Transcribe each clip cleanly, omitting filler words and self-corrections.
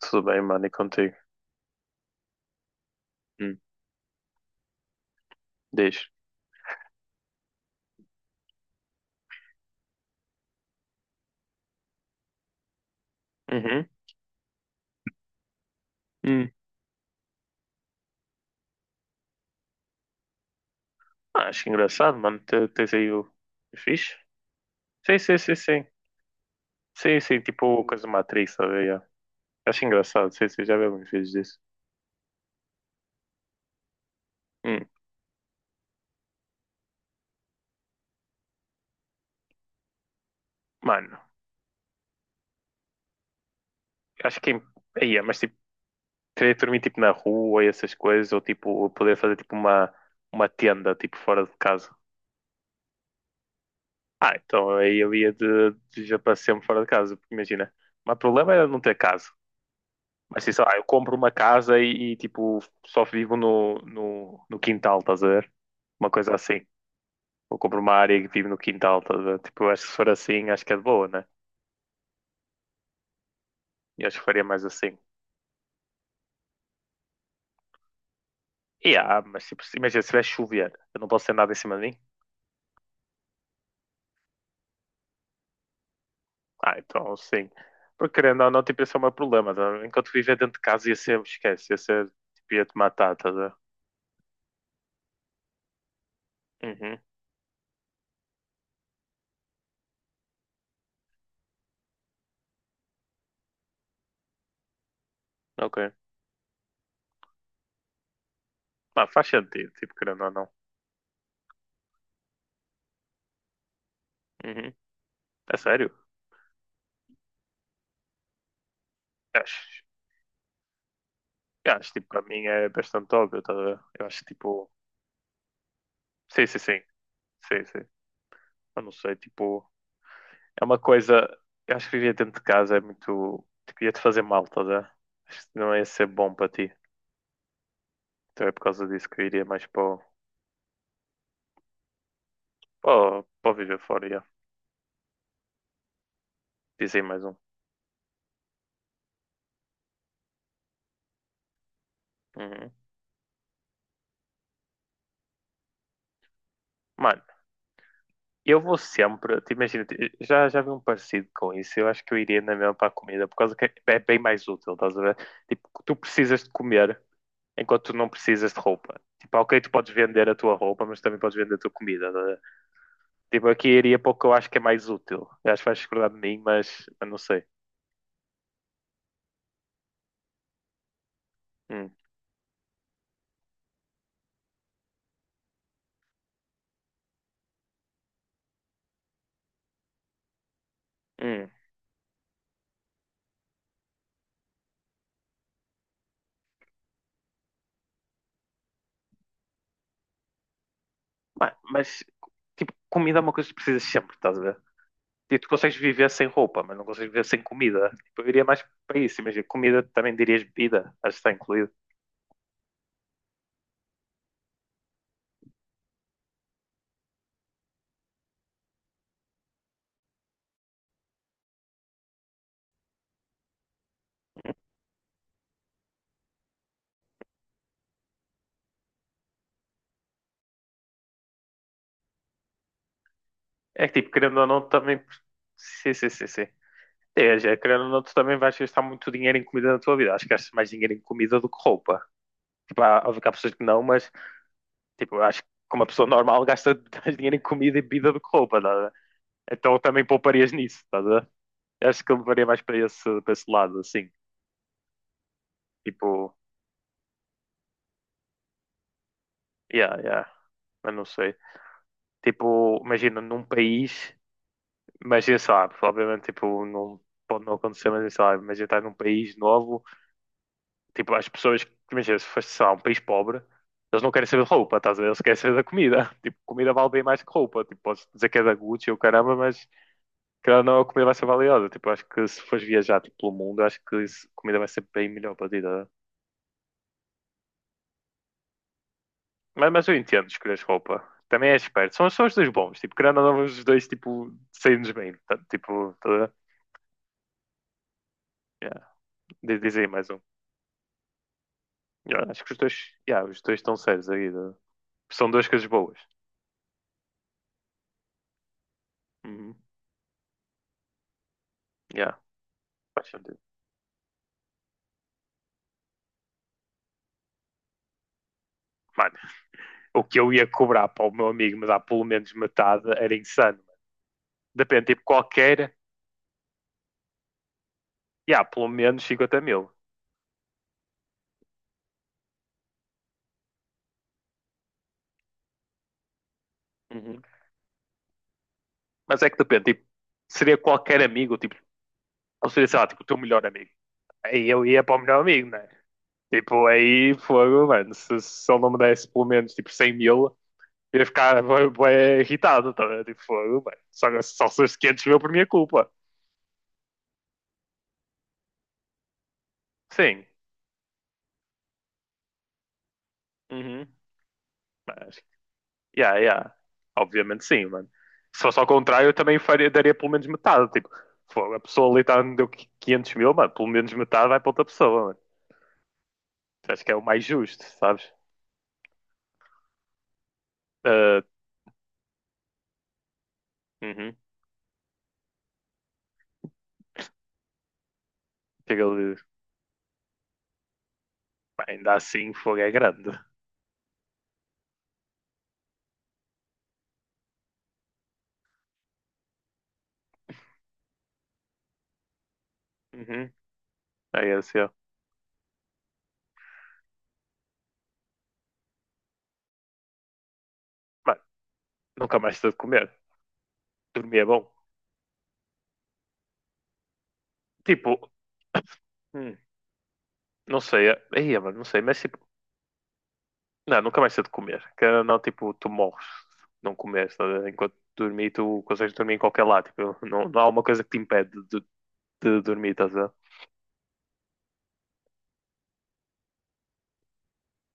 Tudo bem, mano, e contigo? Hum. Diz. Uhum. Hum. Ah, acho engraçado, mano. Tens aí o. Fixe? Sim, sim, sim, sim. Sim, sim, tipo coisa de Matrix, sabe? Yeah. Acho engraçado, sim, sim, já vi alguns vídeos disso. Hum. Mano, acho que. Aí, mas tipo, queria dormir tipo na rua e essas coisas, ou tipo, poder fazer tipo uma tenda, tipo, fora de casa. Ah, então aí eu ia de já para sempre fora de casa, porque imagina. Mas o problema era não ter casa. Mas assim, sei lá, eu compro uma casa e, tipo, só vivo no quintal, estás a ver? Uma coisa assim. Eu compro uma área e vivo no quintal, estás a ver? Tipo, eu acho que se for assim, acho que é de boa, né? Eu acho que faria mais assim. E mas tipo, imagina, se vai chover, eu não posso ter nada em cima de mim? Ah, então sim. Porque querendo ou não, tipo, esse é o meu problema, tá? Enquanto viver dentro de casa ia ser, esquece, ia ser, tipo, ia te matar, estás a ver? Uhum, ok. Ah, faz sentido, tipo, querendo ou não. Uhum. É sério? Acho. Eu acho, tipo, para mim é bastante óbvio, tá? A ver? Eu acho que, tipo, sim, sim, sim, sim, sim. Eu não sei, tipo, é uma coisa, eu acho que viver dentro de casa é muito, tipo, ia-te fazer mal, tá? A ver? Acho que não ia ser bom para ti. Então é por causa disso que eu iria mais para o viver fora, já. Dizem mais um. Uhum. Mano, eu vou sempre, te imagina, já vi um parecido com isso, eu acho que eu iria na mesma para a comida, por causa que é bem mais útil, estás a ver? Tipo, tu precisas de comer, enquanto tu não precisas de roupa. Tipo, ok, tu podes vender a tua roupa, mas também podes vender a tua comida, tá a ver? Tipo, aqui iria para o que eu acho que é mais útil. Eu acho que vais discordar de mim, mas eu não sei. Hum, hum. Mas, tipo, comida é uma coisa que precisas sempre, estás a ver? Tipo, tu consegues viver sem roupa, mas não consegues viver sem comida. Tipo, eu iria mais para isso. Imagina, comida também dirias bebida, acho que está incluído. É que, tipo, querendo ou não, também. Sim, sim, sim, sim. É, já, querendo ou não, tu também vais gastar muito dinheiro em comida na tua vida. Acho que gastas mais dinheiro em comida do que roupa. Tipo, há, óbvio que há pessoas que não, mas tipo, eu acho que como uma pessoa normal gasta mais dinheiro em comida e bebida do que roupa, tá? Então também pouparias nisso, tá? Acho que eu levaria mais para esse lado, assim. Tipo, yeah, yeah, mas não sei. Tipo, imagina num país, imagina, sei lá, obviamente, tipo, não pode não acontecer, mas sei lá, imagina estar num país novo, tipo, as pessoas, imagina, se fosse, sei lá, um país pobre, eles não querem saber de roupa, estás a ver? Eles querem saber da comida. Tipo, comida vale bem mais que roupa. Tipo, podes dizer que é da Gucci ou caramba, mas, querendo ou não, é a comida vai ser valiosa. Tipo, acho que se fores viajar tipo, pelo mundo, acho que a comida vai ser bem melhor para ti, tá? Mas, eu entendo escolheres roupa. Também é esperto. São os dois bons. Tipo, querendo ou não, os dois tipo, saem-nos bem, tá? Tipo, tá? Yeah. Diz aí mais um. Yeah, acho que os dois, yeah, os dois estão sérios aí, tá? São duas coisas boas. Uhum. Yeah, faz sentido. Mano, o que eu ia cobrar para o meu amigo me dar pelo menos metade era insano. Depende, tipo, qualquer, yeah, pelo menos 50 mil. Uhum. Mas é que depende, tipo, seria qualquer amigo, tipo, ou seria, sei lá, tipo, o teu melhor amigo. Aí eu ia para o melhor amigo, né? Tipo, aí fogo, mano, se ele não me desse pelo menos, tipo, 100 mil, eu ia ficar bué, bué irritado, tá, vendo? Tipo, fogo, mano, só se os 500 mil por minha culpa. Sim. Uhum. Mas, yeah, yeah. Obviamente sim, mano. Se fosse ao contrário, eu também faria, daria pelo menos metade, tipo, fogo, a pessoa ali tá, me deu 500 mil, mano, pelo menos metade vai para outra pessoa, mano. Acho que é o mais justo, sabes? Ah, uhum. Que ele, pá, ainda assim o fogo é grande. Uhum. Aí é assim, ó, mano, nunca mais estou de comer. Dormir é bom. Tipo, hum, não sei, aí, é, mano, não sei, mas tipo, não, nunca mais estou de comer. Que não, tipo, tu morres se não comeres, tá, enquanto dormir, tu consegues dormir em qualquer lado. Tipo, não, não há uma coisa que te impede de dormir, estás a ver?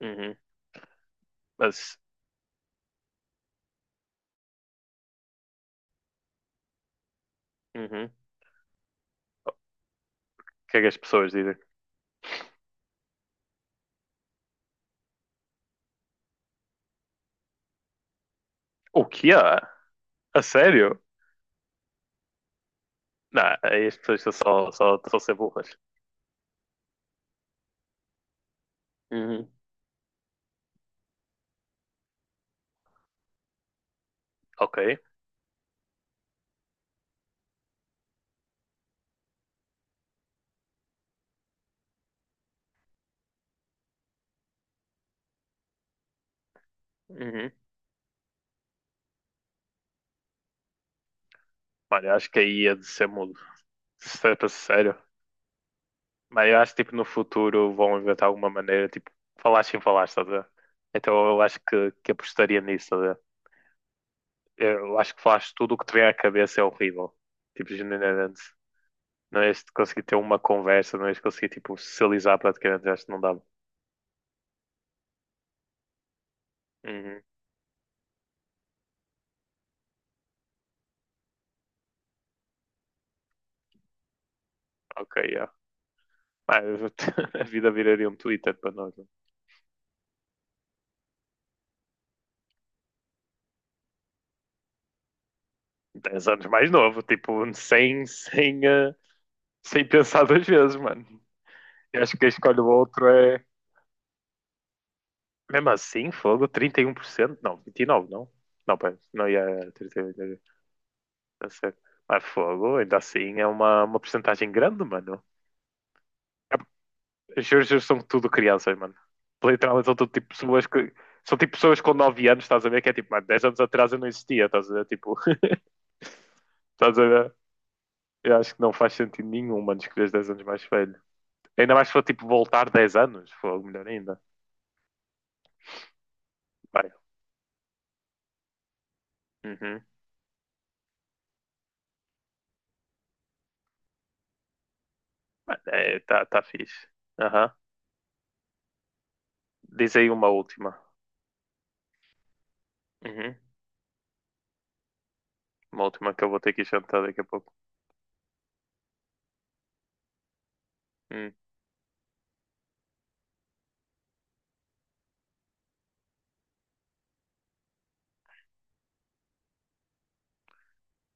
Uhum. Mas, uhum. O que é que as pessoas dizem? O que é? A sério? Não, aí as pessoas são só ser burras. Uhum. Ok. Uhum. Olha, acho que aí ia de ser mudo. Certo, sério. Mas eu acho que tipo, no futuro vão inventar alguma maneira, tipo, falar sem falar, estás a ver? Então eu acho que apostaria nisso, estás a ver? Eu acho que falaste tudo o que te vem à cabeça é horrível. Tipo, genuinamente. Não és de conseguir ter uma conversa, não és de conseguir, tipo, socializar praticamente, eu acho que não dava. Uhum, ok, yeah. Mas a vida viraria um Twitter para nós, né? 10 anos mais novo, tipo, sem pensar duas vezes, mano. Eu acho que quem escolhe o outro é. Mesmo assim, fogo, 31%. Não, 29%, não. Não, pera, não ia 38, tá certo. Mas fogo, ainda assim, é uma porcentagem grande, mano. É- Os juros são tudo crianças, mano. Literalmente são tudo tipo pessoas que. São tipo pessoas com 9 anos, estás a ver? Que é tipo, mano, 10 anos atrás eu não existia, estás a ver? Tipo, estás a ver? Eu acho que não faz sentido nenhum, mano, escolheres 10 anos mais velho. Ainda mais se for tipo voltar 10 anos, fogo, melhor ainda. Vai. Uhum. Mano, é, tá, tá fixe. Aham. Diz aí uma última. Uhum. Uma última que eu vou ter que jantar daqui a pouco. Hum.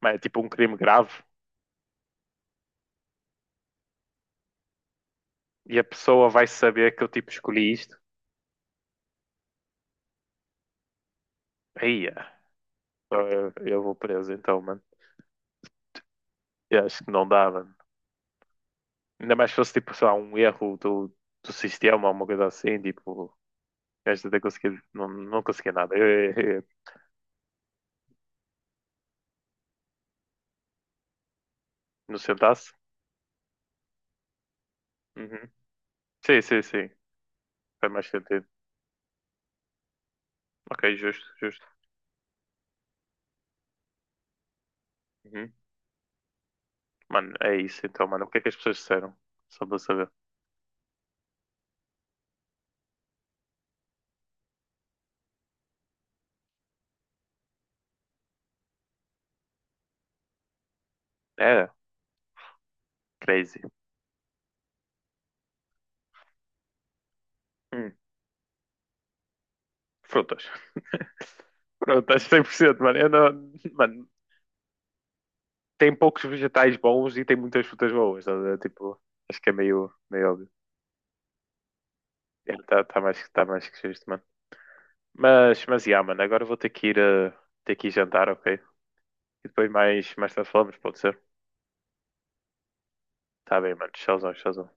Mas é tipo um crime grave e a pessoa vai saber que eu tipo escolhi isto. Aí, eu vou preso então, mano. Eu acho que não dá, mano. Ainda mais se fosse tipo, sei lá, um erro do sistema, alguma coisa assim, tipo, gajo até conseguir, não, não conseguia nada. Eu não sentasse? Uhum. Sim, sim, sim. Faz mais sentido. Ok, justo, justo. Uhum. Mano, é isso então, mano. O que é que as pessoas disseram? Só para saber. É, crazy. Hum. Frutas. Frutas, 100%, mano. Eu mano, tem poucos vegetais bons e tem muitas frutas boas, estás a ver? Tipo, acho que é meio, meio óbvio. Está tá tá mais que justo, mano. Mas, yeah, mano, agora eu vou ter que ir jantar, ok? E depois mais tarde falamos, pode ser? Tá bem, mano. Tchauzão, tchauzão.